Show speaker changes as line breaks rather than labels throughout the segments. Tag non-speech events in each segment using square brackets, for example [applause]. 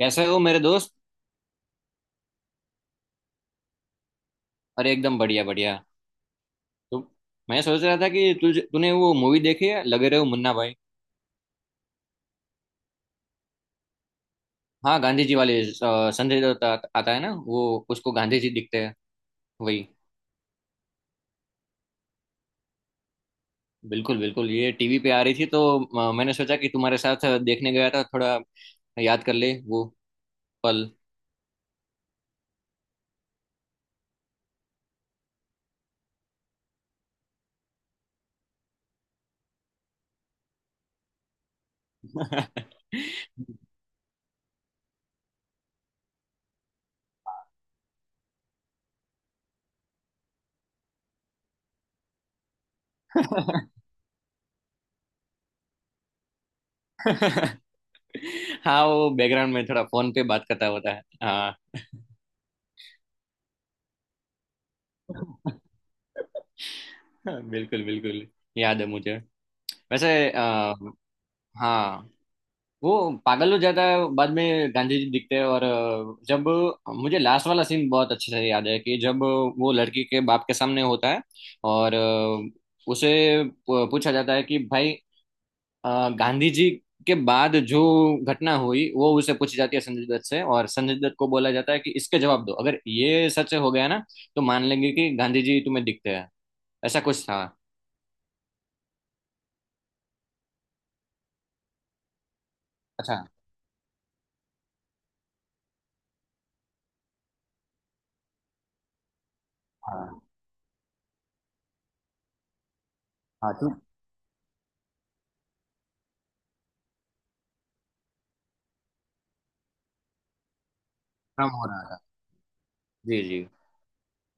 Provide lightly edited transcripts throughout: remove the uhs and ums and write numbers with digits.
कैसे हो मेरे दोस्त। अरे एकदम बढ़िया बढ़िया। तो मैं सोच रहा था कि तुझे तूने वो मूवी देखी है लगे रहे हो मुन्ना भाई। हाँ गांधी जी वाले, संजय दत्त आता है ना वो उसको गांधी जी दिखते हैं वही। बिल्कुल बिल्कुल, ये टीवी पे आ रही थी तो मैंने सोचा कि तुम्हारे साथ देखने गया था, थोड़ा याद कर ले वो पल। [laughs] हाँ वो बैकग्राउंड में थोड़ा फोन पे बात करता होता है हाँ। [laughs] बिल्कुल बिल्कुल, याद है मुझे वैसे। हाँ वो पागल हो जाता है, बाद में गांधी जी दिखते हैं और जब मुझे लास्ट वाला सीन बहुत अच्छे से याद है कि जब वो लड़की के बाप के सामने होता है और उसे पूछा जाता है कि भाई गांधी जी के बाद जो घटना हुई वो उसे पूछी जाती है संजय दत्त से, और संजय दत्त को बोला जाता है कि इसके जवाब दो अगर ये सच हो गया ना तो मान लेंगे कि गांधी जी तुम्हें दिखते हैं। ऐसा कुछ था। अच्छा। हाँ हाँ चूक काम हो रहा था। जी जी,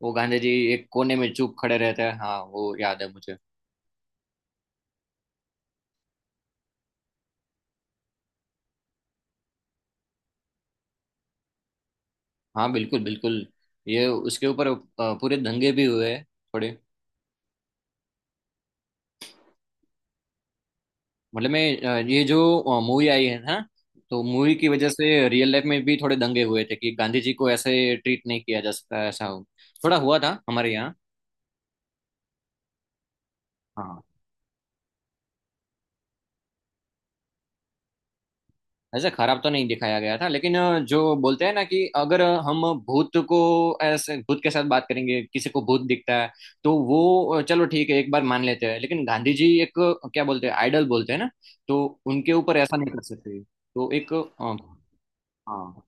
वो गांधी जी एक कोने में चुप खड़े रहते हैं। हाँ वो याद है मुझे। हाँ बिल्कुल बिल्कुल, ये उसके ऊपर पूरे दंगे भी हुए हैं थोड़े। मतलब मैं, ये जो मूवी आई है ना तो मूवी की वजह से रियल लाइफ में भी थोड़े दंगे हुए थे कि गांधी जी को ऐसे ट्रीट नहीं किया जा सकता ऐसा हो। थोड़ा हुआ था हमारे यहाँ। हाँ। ऐसे खराब तो नहीं दिखाया गया था, लेकिन जो बोलते हैं ना कि अगर हम भूत को, ऐसे भूत के साथ बात करेंगे, किसी को भूत दिखता है तो वो, चलो ठीक है एक बार मान लेते हैं, लेकिन गांधी जी एक, क्या बोलते हैं, आइडल बोलते हैं ना, तो उनके ऊपर ऐसा नहीं कर सकते तो एक हाँ,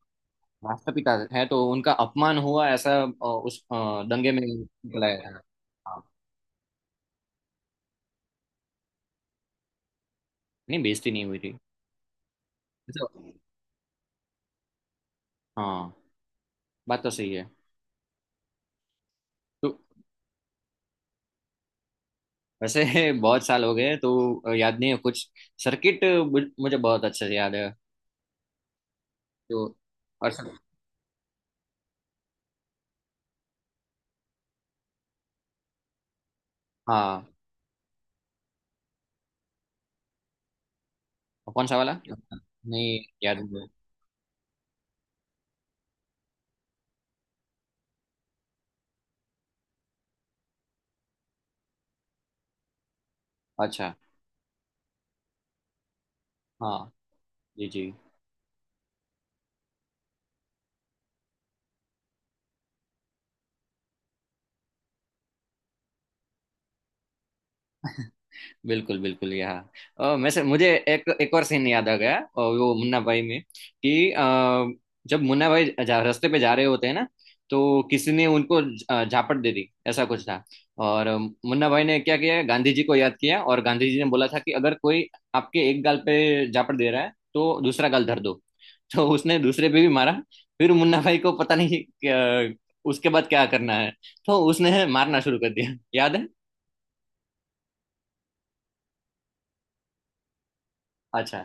राष्ट्रपिता है तो उनका अपमान हुआ ऐसा, उस दंगे में निकलाया था। हाँ नहीं, बेइज्जती नहीं हुई थी। तो, हाँ बात तो सही है। तो, वैसे [laughs] बहुत साल हो गए हैं, तो याद नहीं है कुछ। सर्किट मुझे बहुत अच्छे से याद है तो। और सर। हाँ और कौन सा वाला? नहीं याद नहीं है। अच्छा। हाँ जी जी। बिल्कुल बिल्कुल यहाँ, मुझे एक एक और सीन याद आ गया और वो मुन्ना भाई में कि जब मुन्ना भाई रास्ते पे जा रहे होते हैं ना तो किसी ने उनको झापट दे दी, ऐसा कुछ था। और मुन्ना भाई ने क्या किया, गांधी जी को याद किया, और गांधी जी ने बोला था कि अगर कोई आपके एक गाल पे झापट दे रहा है तो दूसरा गाल धर दो। [laughs] तो उसने दूसरे पे भी मारा। फिर मुन्ना भाई को पता नहीं उसके बाद क्या करना है, तो उसने मारना शुरू कर दिया, याद है। अच्छा।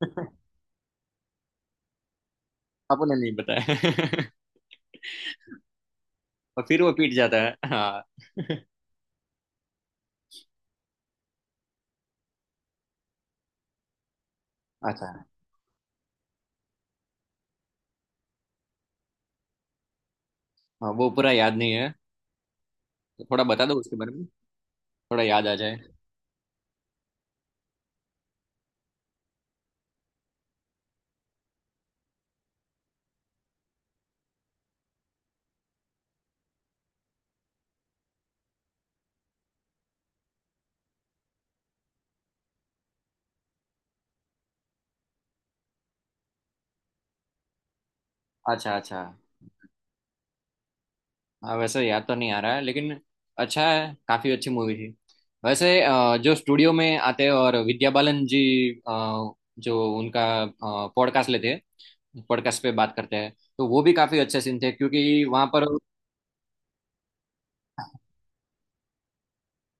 [laughs] आपने नहीं बताया। [laughs] और फिर वो पीट जाता है हाँ। [laughs] अच्छा। हाँ वो पूरा याद नहीं है, तो थोड़ा बता दो उसके बारे में, थोड़ा याद आ जाए। अच्छा अच्छा। हाँ वैसे याद तो नहीं आ रहा है, लेकिन अच्छा है, काफी अच्छी मूवी थी। वैसे जो स्टूडियो में आते हैं और विद्या बालन जी, जो उनका पॉडकास्ट लेते हैं, पॉडकास्ट पे बात करते हैं, तो वो भी काफी अच्छे सीन थे क्योंकि वहां पर।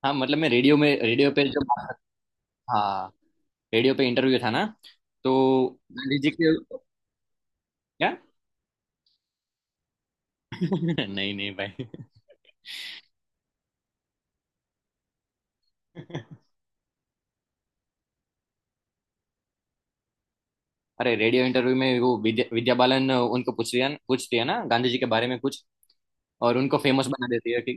हाँ मतलब मैं रेडियो में, रेडियो पे जो। हाँ रेडियो पे इंटरव्यू था ना, तो गांधी जी के। क्या? [laughs] नहीं नहीं भाई। [laughs] अरे रेडियो इंटरव्यू में वो विद्या विद्या बालन उनको पूछ रही है, पूछती है ना गांधी जी के बारे में कुछ, और उनको फेमस बना देती है कि,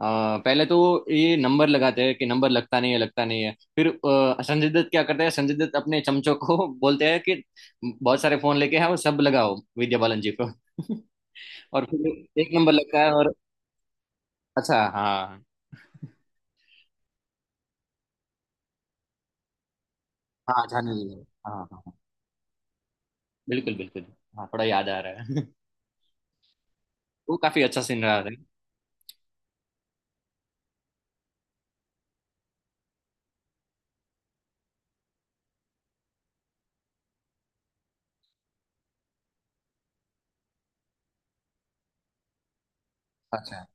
अ, पहले तो ये नंबर लगाते हैं कि नंबर लगता नहीं है लगता नहीं है, फिर संजय दत्त क्या करते हैं, संजय दत्त अपने चमचों को [laughs] बोलते हैं कि बहुत सारे फोन लेके आओ, सब लगाओ विद्या बालन जी को। [laughs] और फिर एक नंबर लगता है और अच्छा हाँ। हाँ जाने दीजिए, हाँ हाँ हाँ, बिल्कुल बिल्कुल। हाँ थोड़ा याद आ रहा है, वो काफी अच्छा सीन रहा था। अच्छा।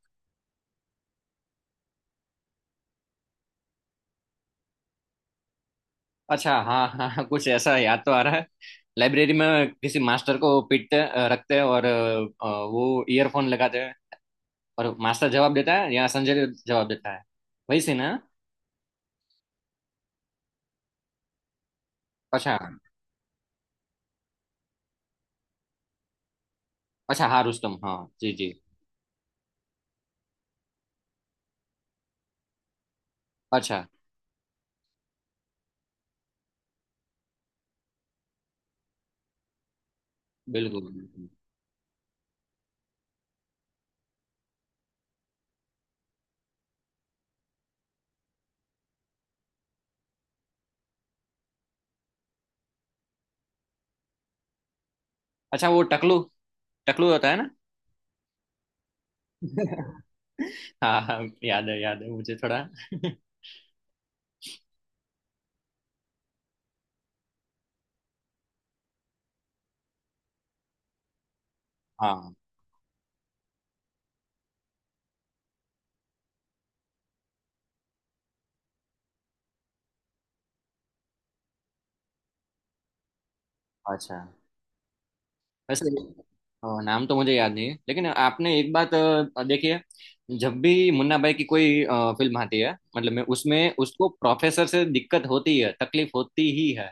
अच्छा हाँ हाँ हाँ, कुछ ऐसा याद तो आ रहा है। लाइब्रेरी में किसी मास्टर को रखते हैं और वो ईयरफोन लगाते हैं, और मास्टर जवाब देता है या संजय जवाब देता है, वही से ना। अच्छा अच्छा, हाँ रुस्तम, हाँ जी जी। अच्छा, बिल्कुल बिल्कुल। अच्छा वो टकलू, टकलू होता है ना। [laughs] हाँ हाँ, याद है मुझे थोड़ा। [laughs] हाँ। अच्छा, वैसे नाम तो मुझे याद नहीं है, लेकिन आपने एक बात देखी है, जब भी मुन्ना भाई की कोई फिल्म आती है मतलब मैं उसमें उसको प्रोफेसर से दिक्कत होती है, तकलीफ होती ही है,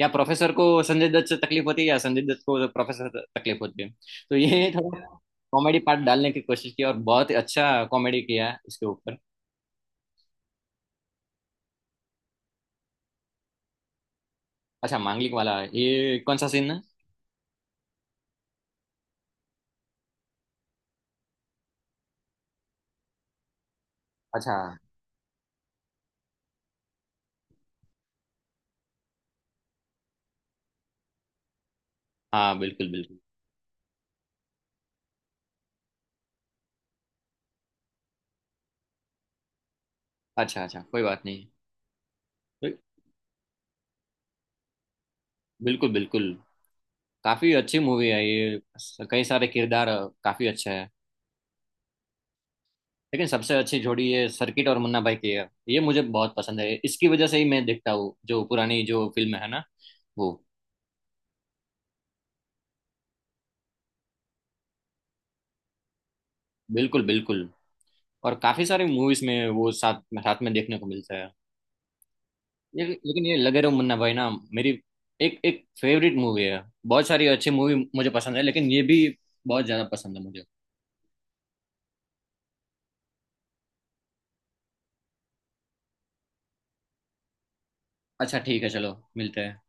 या प्रोफेसर को संजय दत्त से तकलीफ होती है, या संजय दत्त को प्रोफेसर से तकलीफ होती है। तो ये [laughs] थोड़ा कॉमेडी पार्ट डालने की कोशिश की, और बहुत ही अच्छा कॉमेडी किया है इसके ऊपर। अच्छा मांगलिक वाला, ये कौन सा सीन है? अच्छा, हाँ बिल्कुल बिल्कुल। अच्छा अच्छा, कोई बात नहीं। बिल्कुल बिल्कुल, काफी अच्छी मूवी है ये, कई सारे किरदार काफी अच्छे हैं, लेकिन सबसे अच्छी जोड़ी ये सर्किट और मुन्ना भाई की है, ये मुझे बहुत पसंद है, इसकी वजह से ही मैं देखता हूँ जो पुरानी जो फिल्म है ना वो। बिल्कुल बिल्कुल, और काफी सारी मूवीज में वो साथ साथ में देखने को मिलता है। ये, लेकिन ये लगे रहो मुन्ना भाई ना मेरी एक एक फेवरेट मूवी है, बहुत सारी अच्छी मूवी मुझे पसंद है, लेकिन ये भी बहुत ज्यादा पसंद है मुझे। अच्छा ठीक है, चलो मिलते हैं।